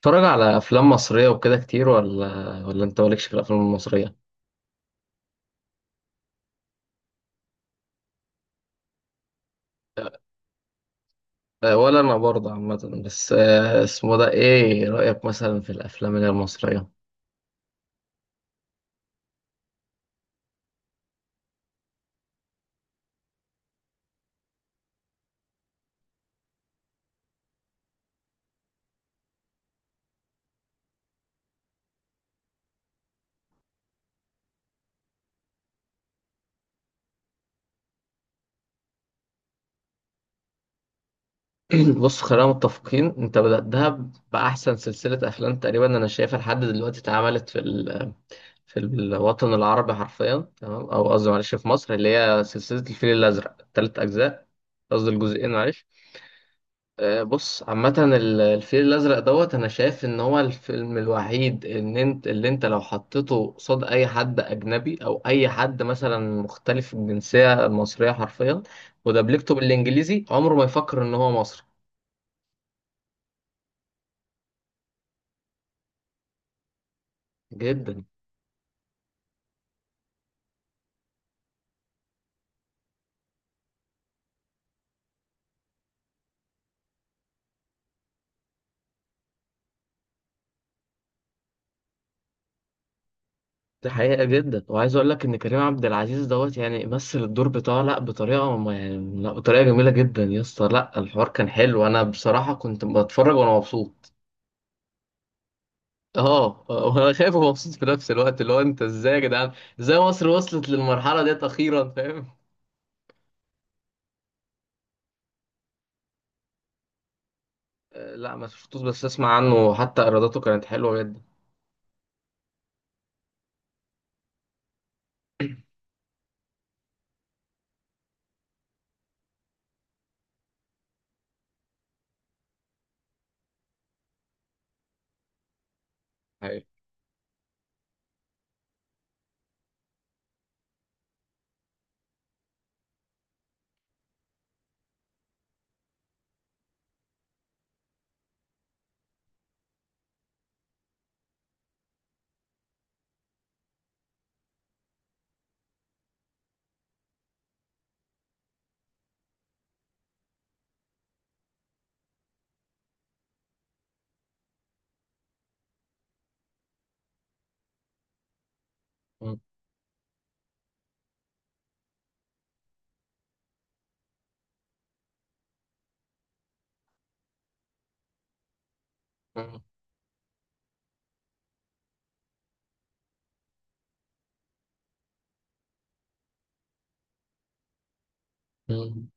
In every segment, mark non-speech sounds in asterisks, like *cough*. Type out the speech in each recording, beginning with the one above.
بتتفرج على افلام مصريه وكده كتير ولا انت مالكش في الافلام المصريه. ولا انا برضه عامه بس اسمه ده ايه رايك مثلا في الافلام اللي هي المصريه؟ *clears throat* بص خلينا متفقين انت بداتها باحسن سلسله افلام تقريبا انا شايفها لحد دلوقتي اتعملت في الوطن العربي حرفيا، تمام، او قصدي معلش في مصر، اللي هي سلسله الفيل الازرق ثلاث اجزاء. قصدي الجزئين معلش. بص عامة الفيل الأزرق دوت، أنا شايف إن هو الفيلم الوحيد إن أنت، اللي أنت لو حطيته قصاد أي حد أجنبي أو أي حد مثلا مختلف الجنسية المصرية حرفيا ودبلجته بالإنجليزي، عمره ما يفكر إن هو مصري. جدا. دي حقيقة. جدا، وعايز أقول لك إن كريم عبد العزيز دوت يعني مثل الدور بتاعه، لأ بطريقة، ما يعني، لأ بطريقة جميلة جدا يا اسطى. لأ الحوار كان حلو، أنا بصراحة كنت بتفرج وأنا مبسوط. اه وانا خايف ومبسوط في نفس الوقت، اللي هو انت ازاي يا جدعان، ازاي مصر وصلت للمرحله ديت اخيرا، فاهم؟ لا ما شفتوش، بس اسمع عنه، حتى ايراداته كانت حلوه جدا. حقيقي. م- م- م.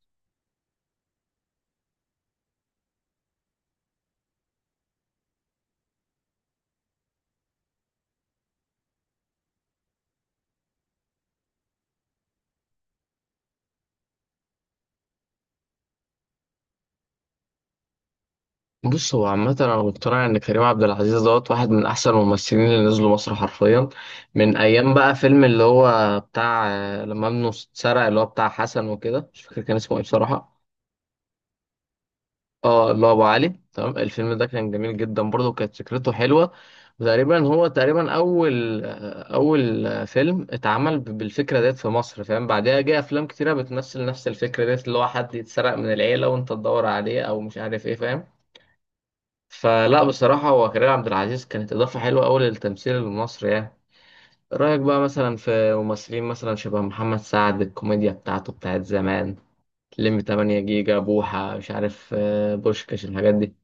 بص، هو عامة أنا مقتنع إن كريم عبد العزيز دوت واحد من أحسن الممثلين اللي نزلوا مصر حرفيا، من أيام بقى فيلم اللي هو بتاع، لما ابنه اتسرق، اللي هو بتاع حسن وكده، مش فاكر كان اسمه إيه بصراحة. اه، الله، ابو علي، تمام. الفيلم ده كان جميل جدا برضه وكانت فكرته حلوه. وتقريبا هو تقريبا اول اول فيلم اتعمل بالفكره ديت في مصر، فاهم؟ بعدها جه افلام كتيره بتمثل نفس الفكره ديت، اللي هو حد يتسرق من العيله وانت تدور عليه او مش عارف ايه، فاهم؟ فلا بصراحه، هو كريم عبد العزيز كانت اضافه حلوه قوي للتمثيل المصري يعني. رايك بقى مثلا في ممثلين مثلا شبه محمد سعد، الكوميديا بتاعته بتاعت زمان، لمي 8 جيجا، بوحه، مش عارف بوشكاش، الحاجات دي؟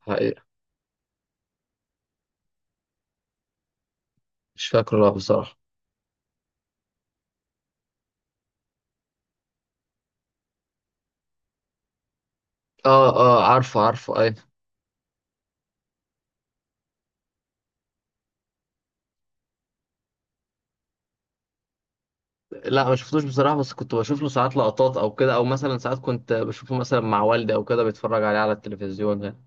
حقيقة. مش فاكره لا بصراحة. اه اه، عارفه عارفه، اي. لا ما شفتوش بصراحة، بس كنت بشوف له ساعات لقطات او كده، او مثلا ساعات كنت بشوفه مثلا مع والدي او كده بيتفرج عليه على التلفزيون يعني.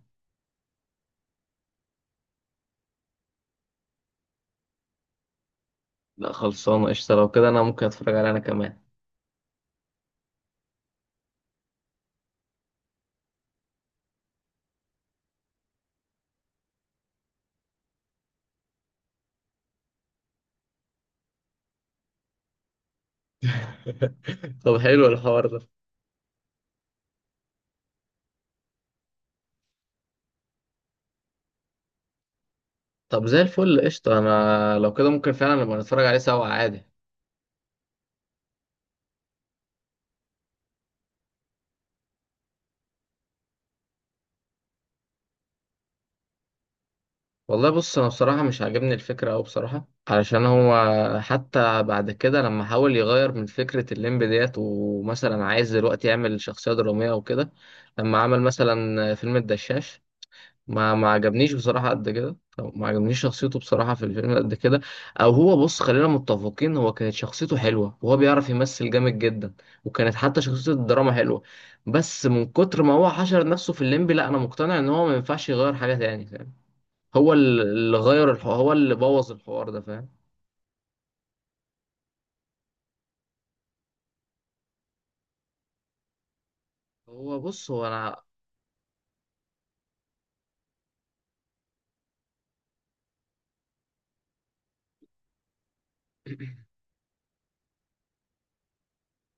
لا خلصانة قشطة، لو كده انا ممكن اتفرج عليه انا كمان. *laughs* طب حلو الحوار ده. طب زي الفل قشطة، انا لو كده ممكن فعلا نبقى نتفرج عليه سوا عادي. والله بص، انا بصراحه مش عاجبني الفكره أوي بصراحه، علشان هو حتى بعد كده لما حاول يغير من فكره الليمب ديت، ومثلا عايز دلوقتي يعمل شخصيه دراميه وكده، لما عمل مثلا فيلم الدشاش، ما عجبنيش بصراحه قد كده، ما عجبنيش شخصيته بصراحه في الفيلم قد كده. او هو بص، خلينا متفقين، هو كانت شخصيته حلوه وهو بيعرف يمثل جامد جدا، وكانت حتى شخصيه الدراما حلوه، بس من كتر ما هو حشر نفسه في الليمب، لا انا مقتنع ان هو ما ينفعش يغير حاجه تاني. هو اللي غير الحوار هو اللي بوظ الحوار ده، فاهم؟ هو بص هو انا. *clears throat*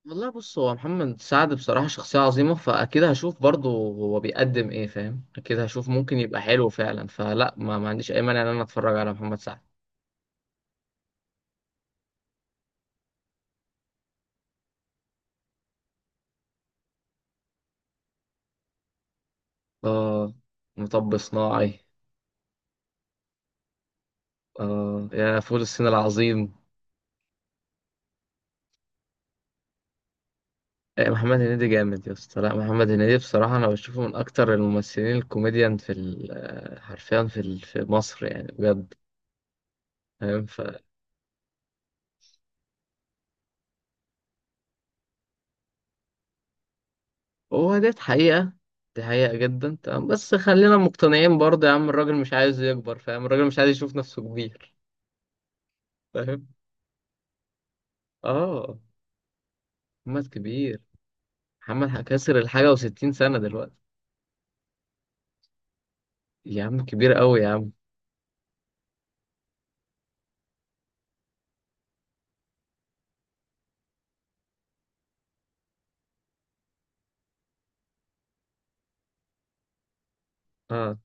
والله بص، هو محمد سعد بصراحة شخصية عظيمة، فأكيد هشوف برضه هو بيقدم إيه، فاهم؟ أكيد هشوف ممكن يبقى حلو فعلا، فلا ما عنديش أي مانع إن أنا أتفرج على محمد سعد. آه، مطب صناعي. آه، يا فول الصين العظيم. آه، محمد هنيدي جامد يا اسطى. لا محمد هنيدي بصراحة أنا بشوفه من أكتر الممثلين الكوميديان في ال- آه، حرفيا في مصر يعني، بجد. فاهم. هو ديت حقيقة. دي حقيقة جدا، تمام، بس خلينا مقتنعين برضه يا عم، الراجل مش عايز يكبر، فاهم، الراجل مش عايز يشوف نفسه كبير. فاهم. اه. محمد كبير. محمد كسر الحاجة وستين سنة دلوقتي. يا عم كبير قوي يا عم. اه.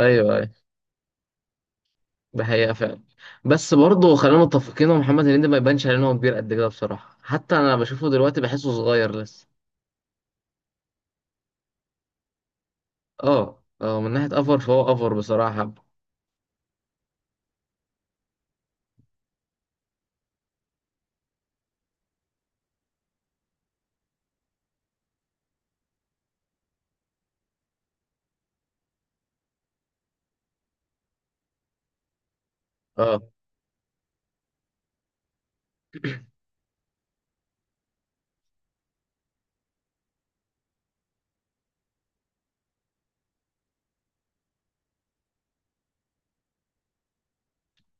ايوه ايوه. ده حقيقة فعلا. بس برضه خلينا متفقين ان محمد هنيدي ما يبانش عليه ان هو كبير قد كده بصراحة، حتى انا بشوفه دلوقتي بحسه صغير لسه. اه اه، من ناحية افر فهو افر بصراحة. اه.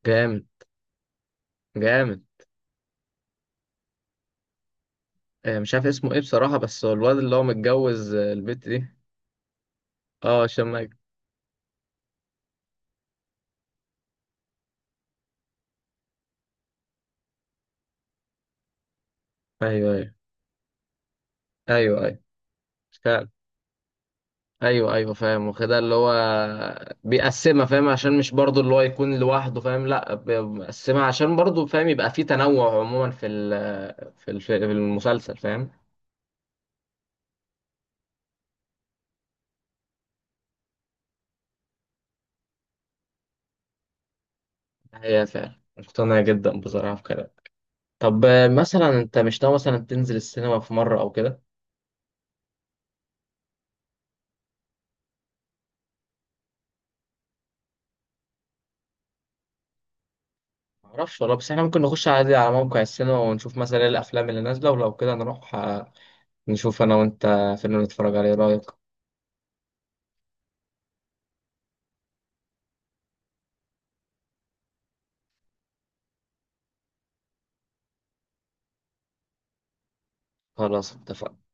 جامد. جامد. مش عارف اسمه ايه بصراحة، بس هو الواد اللي هو متجوز البت دي. اه هشام ماجد. ايوه ايوه. ايوه ايوه فعلا. ايوه ايوه فاهم، واخدها اللي هو بيقسمها، فاهم، عشان مش برضه اللي هو يكون لوحده، فاهم، لا بيقسمها عشان برضه فاهم يبقى في تنوع عموما في ال- في الف- في المسلسل، فاهم. هي فعلا مقتنع جدا بصراحة في كده. طب مثلا انت مش ناوي مثلا تنزل السينما في مرة او كده؟ معرفش والله، بس احنا ممكن نخش عادي على موقع السينما ونشوف مثلا ايه الافلام اللي نازلة، ولو كده نروح، نشوف انا وانت فيلم نتفرج عليه، إيه رأيك؟ خلاص اتفقنا.